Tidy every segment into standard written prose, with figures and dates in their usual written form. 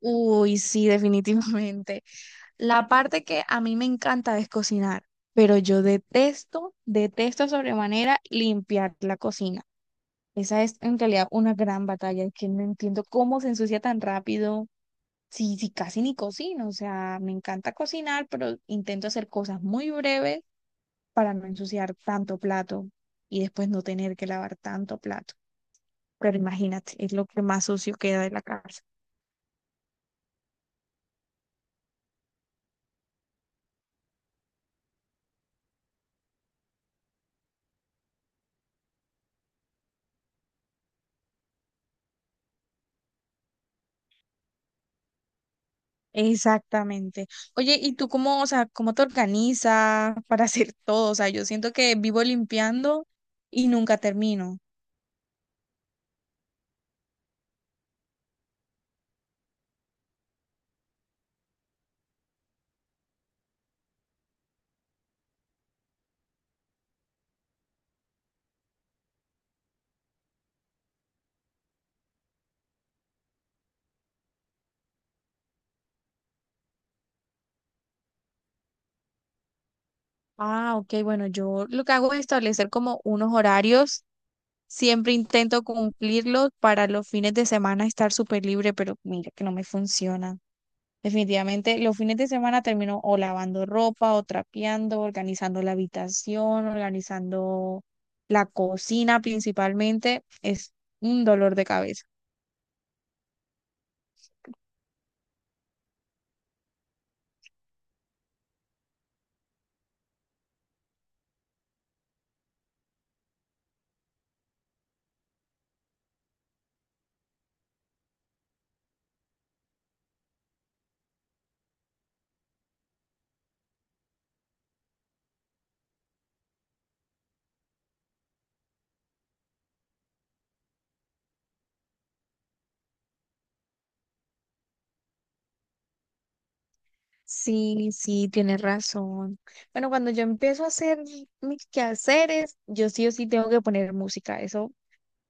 Uy, sí, definitivamente. La parte que a mí me encanta es cocinar, pero yo detesto, detesto sobremanera limpiar la cocina. Esa es en realidad una gran batalla, que no entiendo cómo se ensucia tan rápido, si casi ni cocino. O sea, me encanta cocinar, pero intento hacer cosas muy breves para no ensuciar tanto plato y después no tener que lavar tanto plato. Pero imagínate, es lo que más sucio queda de la casa. Exactamente. Oye, ¿y tú cómo, o sea, cómo te organizas para hacer todo? O sea, yo siento que vivo limpiando y nunca termino. Ah, ok, bueno, yo lo que hago es establecer como unos horarios. Siempre intento cumplirlos para los fines de semana estar súper libre, pero mira que no me funciona. Definitivamente, los fines de semana termino o lavando ropa, o trapeando, organizando la habitación, organizando la cocina principalmente. Es un dolor de cabeza. Sí, sí, tienes razón. Bueno, cuando yo empiezo a hacer mis quehaceres, yo sí o sí tengo que poner música. Eso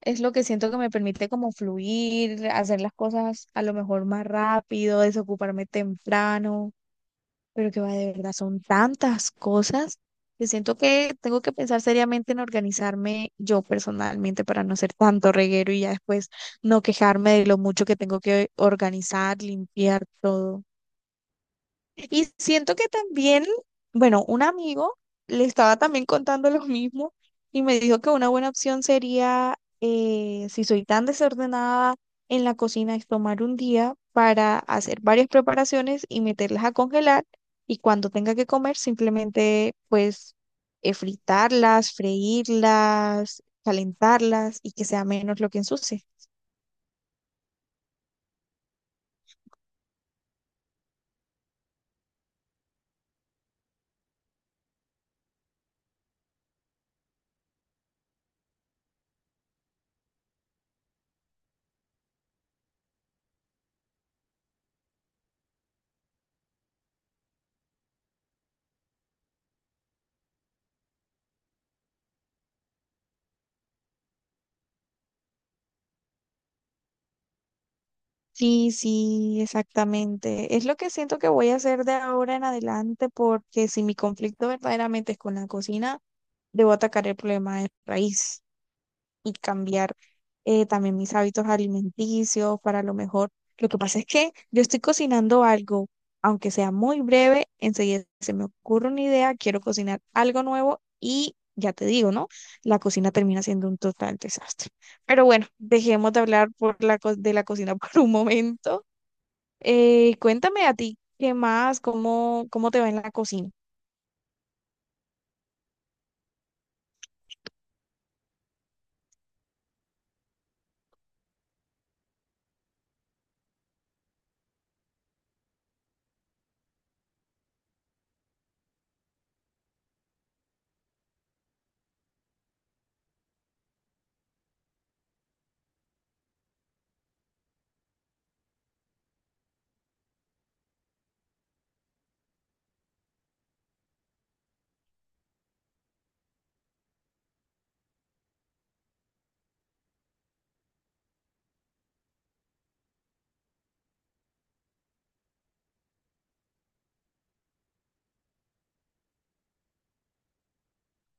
es lo que siento que me permite como fluir, hacer las cosas a lo mejor más rápido, desocuparme temprano, pero que va de verdad, son tantas cosas que siento que tengo que pensar seriamente en organizarme yo personalmente para no ser tanto reguero y ya después no quejarme de lo mucho que tengo que organizar, limpiar todo. Y siento que también, bueno, un amigo le estaba también contando lo mismo y me dijo que una buena opción sería, si soy tan desordenada en la cocina, es tomar un día para hacer varias preparaciones y meterlas a congelar y cuando tenga que comer simplemente pues fritarlas, freírlas, calentarlas y que sea menos lo que ensucie. Sí, sí, exactamente. Es lo que siento que voy a hacer de ahora en adelante porque si mi conflicto verdaderamente es con la cocina, debo atacar el problema de raíz y cambiar también mis hábitos alimenticios para lo mejor. Lo que pasa es que yo estoy cocinando algo, aunque sea muy breve, enseguida se me ocurre una idea, quiero cocinar algo nuevo y ya te digo, ¿no? La cocina termina siendo un total desastre. Pero bueno, dejemos de hablar de la cocina por un momento cuéntame a ti, ¿qué más? ¿Cómo, cómo te va en la cocina?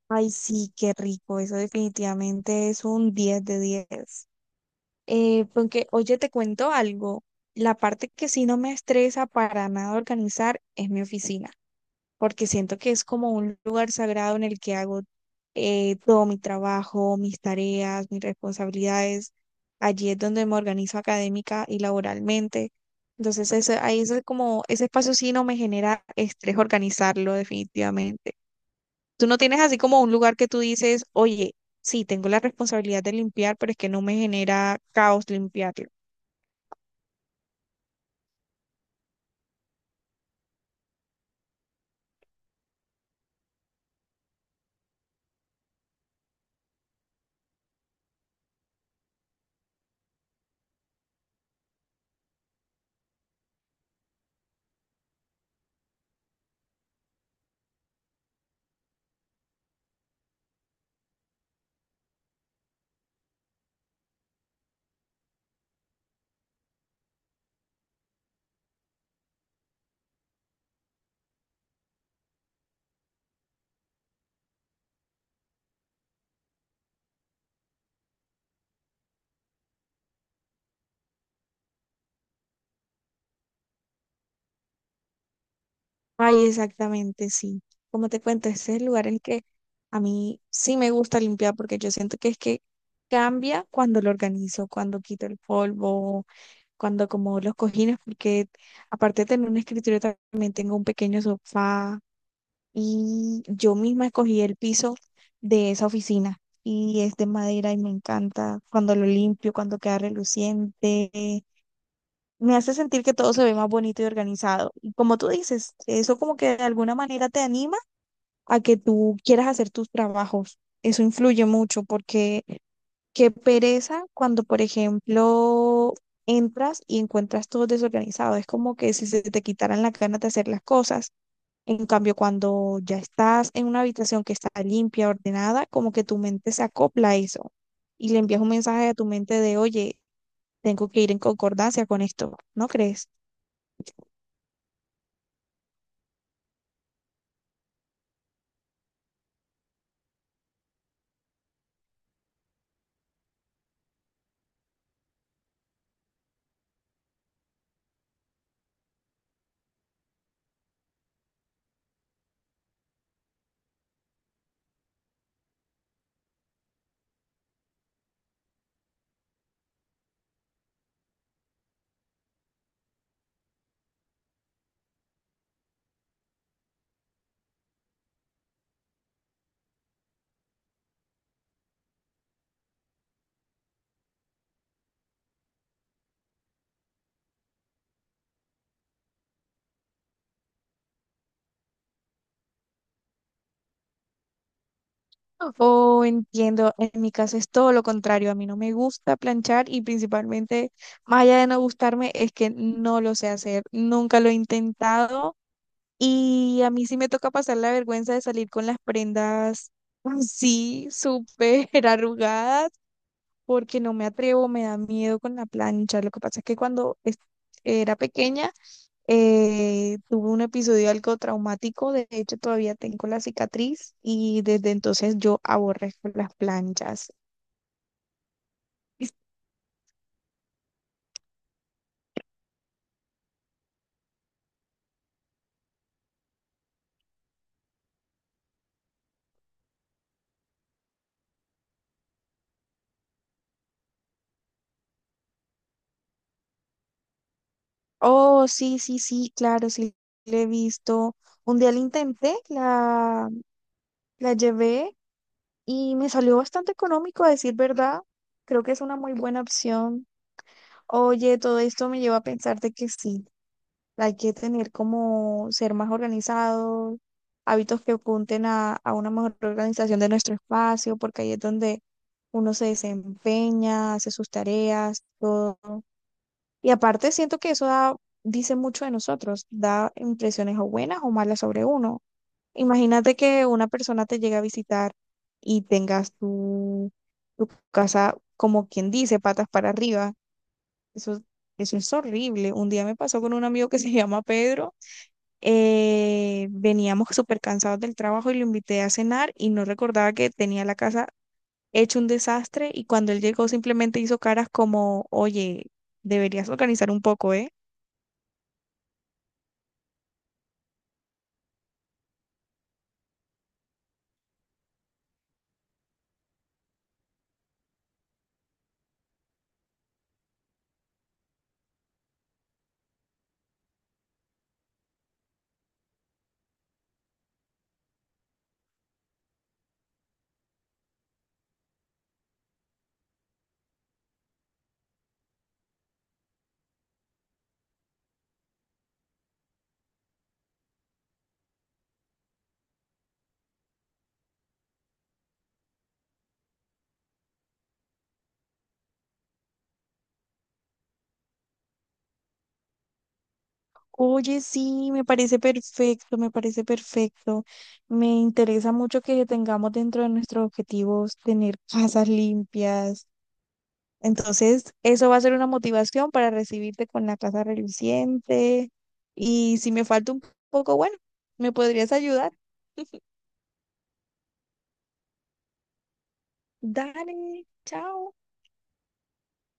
Ay, sí, qué rico. Eso definitivamente es un 10 de 10. Porque, oye, te cuento algo. La parte que sí no me estresa para nada organizar es mi oficina, porque siento que es como un lugar sagrado en el que hago todo mi trabajo, mis tareas, mis responsabilidades. Allí es donde me organizo académica y laboralmente. Entonces, ahí es como, ese espacio sí no me genera estrés organizarlo definitivamente. Tú no tienes así como un lugar que tú dices, oye, sí, tengo la responsabilidad de limpiar, pero es que no me genera caos limpiarlo. Ay, exactamente, sí. Como te cuento, este es el lugar en el que a mí sí me gusta limpiar porque yo siento que es que cambia cuando lo organizo, cuando quito el polvo, cuando como los cojines, porque aparte de tener un escritorio también tengo un pequeño sofá y yo misma escogí el piso de esa oficina y es de madera y me encanta cuando lo limpio, cuando queda reluciente, me hace sentir que todo se ve más bonito y organizado. Y como tú dices, eso como que de alguna manera te anima a que tú quieras hacer tus trabajos. Eso influye mucho porque qué pereza cuando, por ejemplo, entras y encuentras todo desorganizado. Es como que si se te quitaran las ganas de hacer las cosas. En cambio, cuando ya estás en una habitación que está limpia, ordenada, como que tu mente se acopla a eso y le envías un mensaje a tu mente de, oye, tengo que ir en concordancia con esto, ¿no crees? Oh, entiendo. En mi caso es todo lo contrario. A mí no me gusta planchar y principalmente, más allá de no gustarme, es que no lo sé hacer. Nunca lo he intentado y a mí sí me toca pasar la vergüenza de salir con las prendas así, súper arrugadas, porque no me atrevo, me da miedo con la plancha. Lo que pasa es que era pequeña, tuve un episodio algo traumático, de hecho todavía tengo la cicatriz y desde entonces yo aborrezco las planchas. Oh, sí, sí, sí, claro, sí, le he visto. Un día la intenté, la llevé y me salió bastante económico, a decir verdad. Creo que es una muy buena opción. Oye, todo esto me lleva a pensar de que sí. Hay que tener como ser más organizados, hábitos que apunten a una mejor organización de nuestro espacio, porque ahí es donde uno se desempeña, hace sus tareas, todo. Y aparte siento que dice mucho de nosotros, da impresiones o buenas o malas sobre uno. Imagínate que una persona te llega a visitar y tengas tu casa, como quien dice, patas para arriba. Eso, eso es horrible. Un día me pasó con un amigo que se llama Pedro. Veníamos súper cansados del trabajo y lo invité a cenar y no recordaba que tenía la casa hecho un desastre y cuando él llegó simplemente hizo caras como, oye, deberías organizar un poco, ¿eh? Oye, sí, me parece perfecto, me parece perfecto. Me interesa mucho que tengamos dentro de nuestros objetivos tener casas limpias. Entonces, eso va a ser una motivación para recibirte con la casa reluciente. Y si me falta un poco, bueno, ¿me podrías ayudar? Dale, chao.